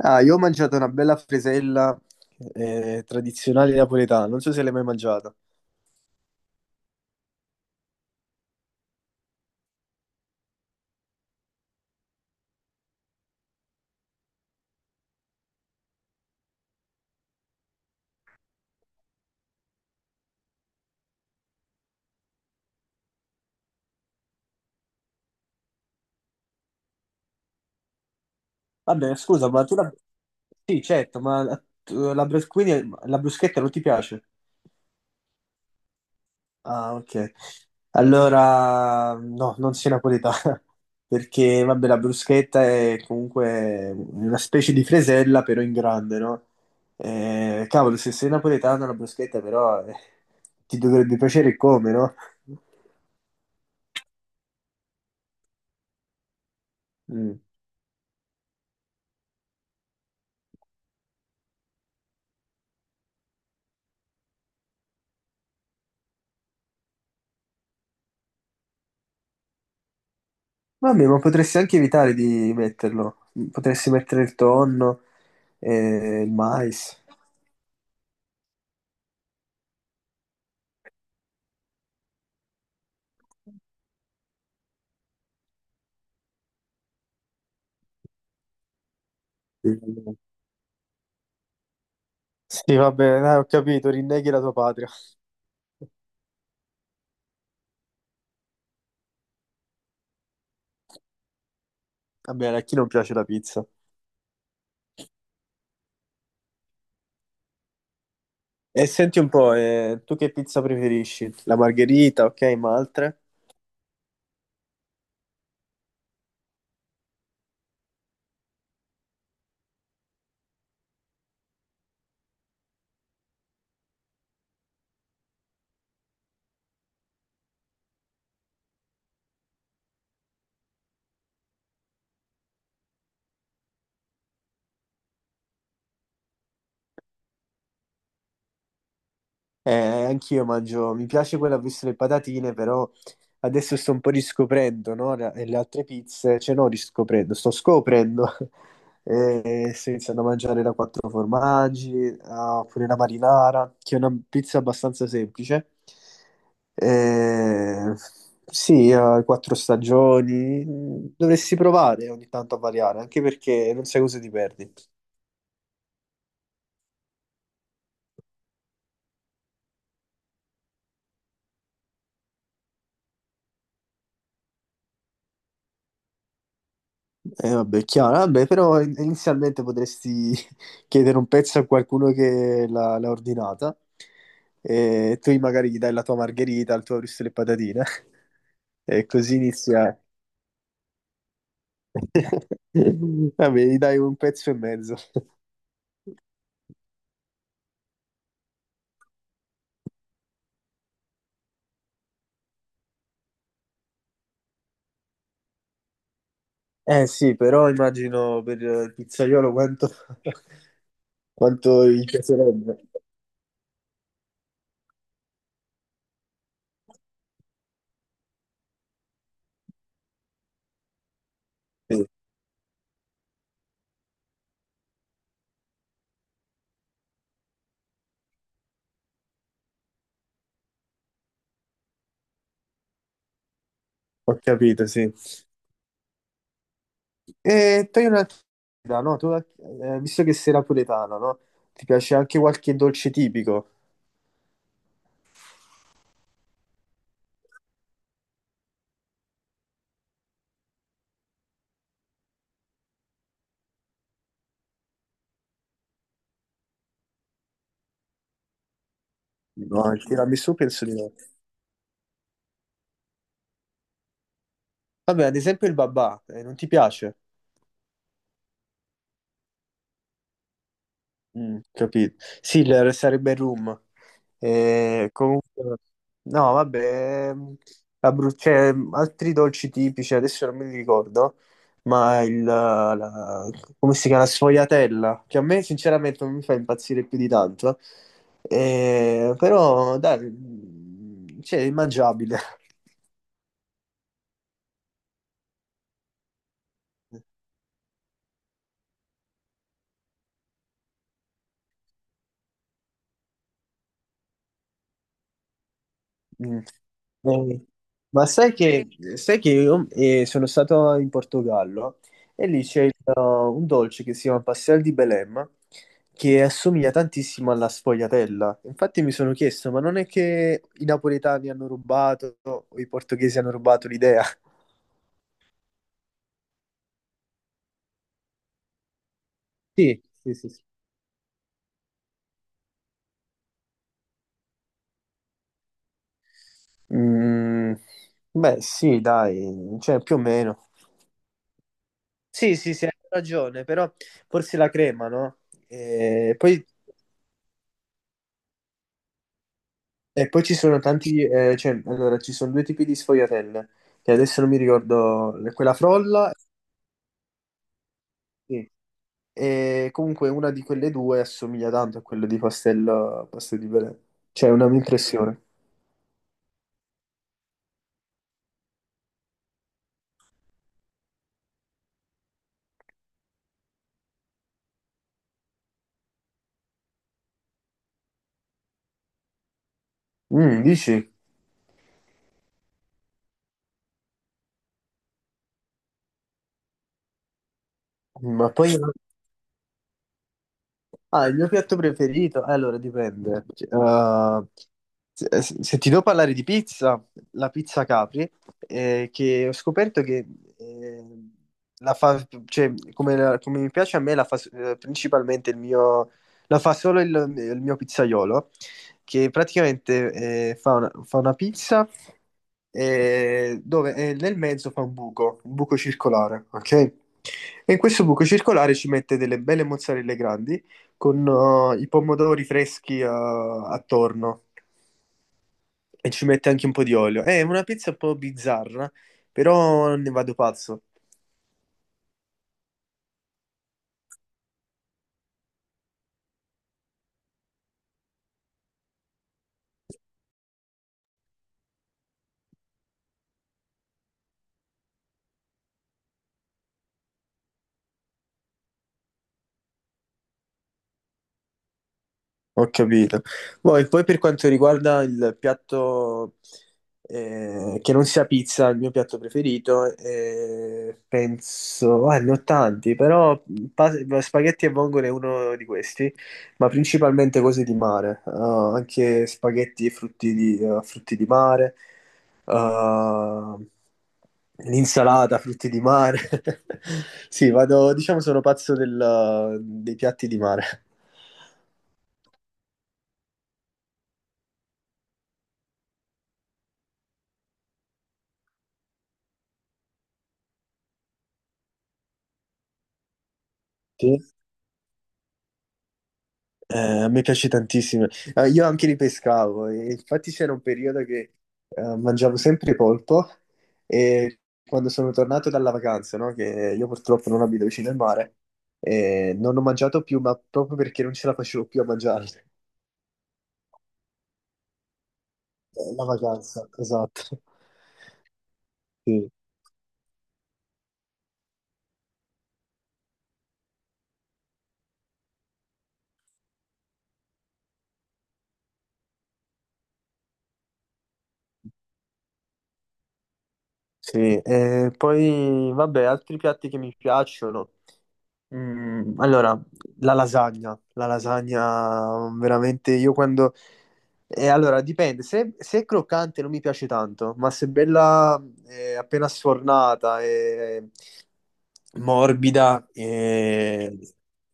Ah, io ho mangiato una bella fresella tradizionale napoletana, non so se l'hai mai mangiata. Vabbè, scusa, ma tu la... Sì, certo, ma la, tu- la brus- quindi la bruschetta non ti piace? Ah, ok. Allora, no, non sei napoletana, perché, vabbè, la bruschetta è comunque una specie di fresella, però in grande, no? Cavolo, se sei napoletano la bruschetta, però, ti dovrebbe piacere come, no? Mm. Vabbè, ma potresti anche evitare di metterlo. Potresti mettere il tonno e il mais. Sì, va bene, ho capito, rinneghi la tua patria. Vabbè, a chi non piace la pizza? E senti un po', tu che pizza preferisci? La margherita, ok, ma altre? Eh, anch'io mangio, mi piace quella a vista le patatine, però adesso sto un po' riscoprendo, no? Le altre pizze, cioè no, riscoprendo, sto scoprendo. E sto iniziando a mangiare la quattro formaggi, ah, oppure la marinara, che è una pizza abbastanza semplice. Eh, sì, quattro stagioni, mm, dovresti provare ogni tanto a variare, anche perché non sai cosa ti perdi. Vabbè, è chiaro, vabbè, però inizialmente potresti chiedere un pezzo a qualcuno che l'ha ordinata e tu magari gli dai la tua margherita, il tuo risto e le patatine e così inizia... Vabbè, gli dai un pezzo e mezzo. Eh sì, però immagino per il pizzaiolo quanto, quanto gli piacerebbe. Sì, ho capito, sì. E togli una curiosità, no? Tu, visto che sei napoletano, no? Ti piace anche qualche dolce tipico? No, il tiramisù penso di no. Vabbè, ad esempio il babà, non ti piace? Mm, capito. Sì, sarebbe Room. Comunque, no, vabbè, cioè, altri dolci tipici, adesso non me li ricordo, ma come si chiama, la sfogliatella, che a me sinceramente non mi fa impazzire più di tanto. Però dai, mm, cioè, è mangiabile. Mm. Eh, ma sai che io sono stato in Portogallo e lì c'è un dolce che si chiama pastel di Belém che assomiglia tantissimo alla sfogliatella. Infatti mi sono chiesto, ma non è che i napoletani hanno rubato o i portoghesi hanno rubato l'idea? Sì, sì, sì, sì. Mm, beh, sì, dai, cioè più o meno. Sì, sì, sì, hai ragione, però forse la crema, no? E poi e poi ci sono tanti, cioè, allora, ci sono due tipi di sfogliatelle, che adesso non mi ricordo, quella frolla, sì. E comunque una di quelle due assomiglia tanto a quella di Pastello, Pastello di Belè. Cioè, è una mia impressione. Mm, dici? Ma poi... Ah, il mio piatto preferito? Allora, dipende. Uh, se, se ti devo parlare di pizza, la pizza Capri, che ho scoperto che eh, la fa, cioè, come, come mi piace a me, la fa principalmente il mio, la fa solo il mio pizzaiolo, che praticamente fa una pizza dove nel mezzo fa un buco circolare, ok? E in questo buco circolare ci mette delle belle mozzarelle grandi con i pomodori freschi attorno e ci mette anche un po' di olio. È una pizza un po' bizzarra, però ne vado pazzo. Ho capito. Poi per quanto riguarda il piatto che non sia pizza, il mio piatto preferito, penso, ah, ne ho tanti, però pa- spaghetti e vongole è uno di questi, ma principalmente cose di mare, anche spaghetti e frutti di mare, eh, l'insalata, frutti di mare. Sì, vado, diciamo sono pazzo dei piatti di mare. Sì? A me piace tantissimo. Io anche li pescavo, e infatti c'era un periodo che mangiavo sempre polpo e quando sono tornato dalla vacanza, no, che io purtroppo non abito vicino al mare, non ho mangiato più, ma proprio perché non ce la facevo più a mangiarli. La vacanza, esatto. Sì, sì. Poi vabbè, altri piatti che mi piacciono. Mm, allora, la lasagna mm, veramente io quando... allora, dipende, se, se è croccante non mi piace tanto, ma se è bella appena sfornata e morbida e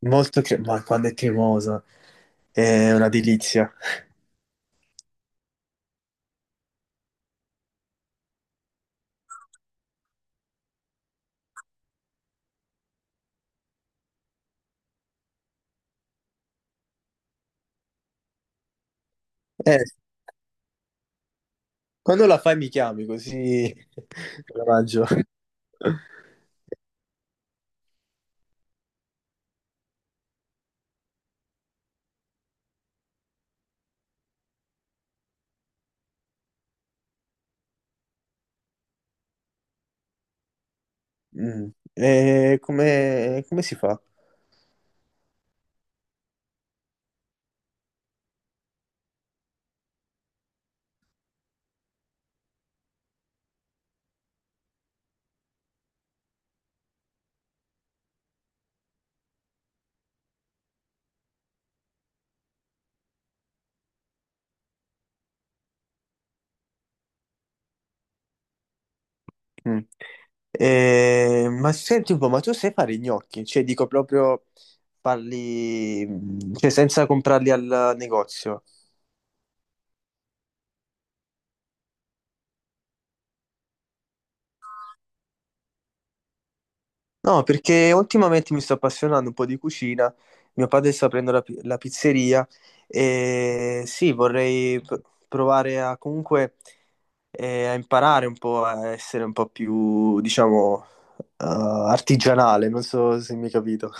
ma quando è cremosa è una delizia. Eh, quando la fai mi chiami così la mangio. Mm, come si fa? Mm. Ma senti un po', ma tu sai fare i gnocchi? Cioè, dico proprio farli, mm, cioè, senza comprarli al negozio. No, perché ultimamente mi sto appassionando un po' di cucina. Mio padre sta aprendo la pizzeria e sì, vorrei provare a comunque a imparare un po' a essere un po' più, diciamo, artigianale. Non so se mi hai capito.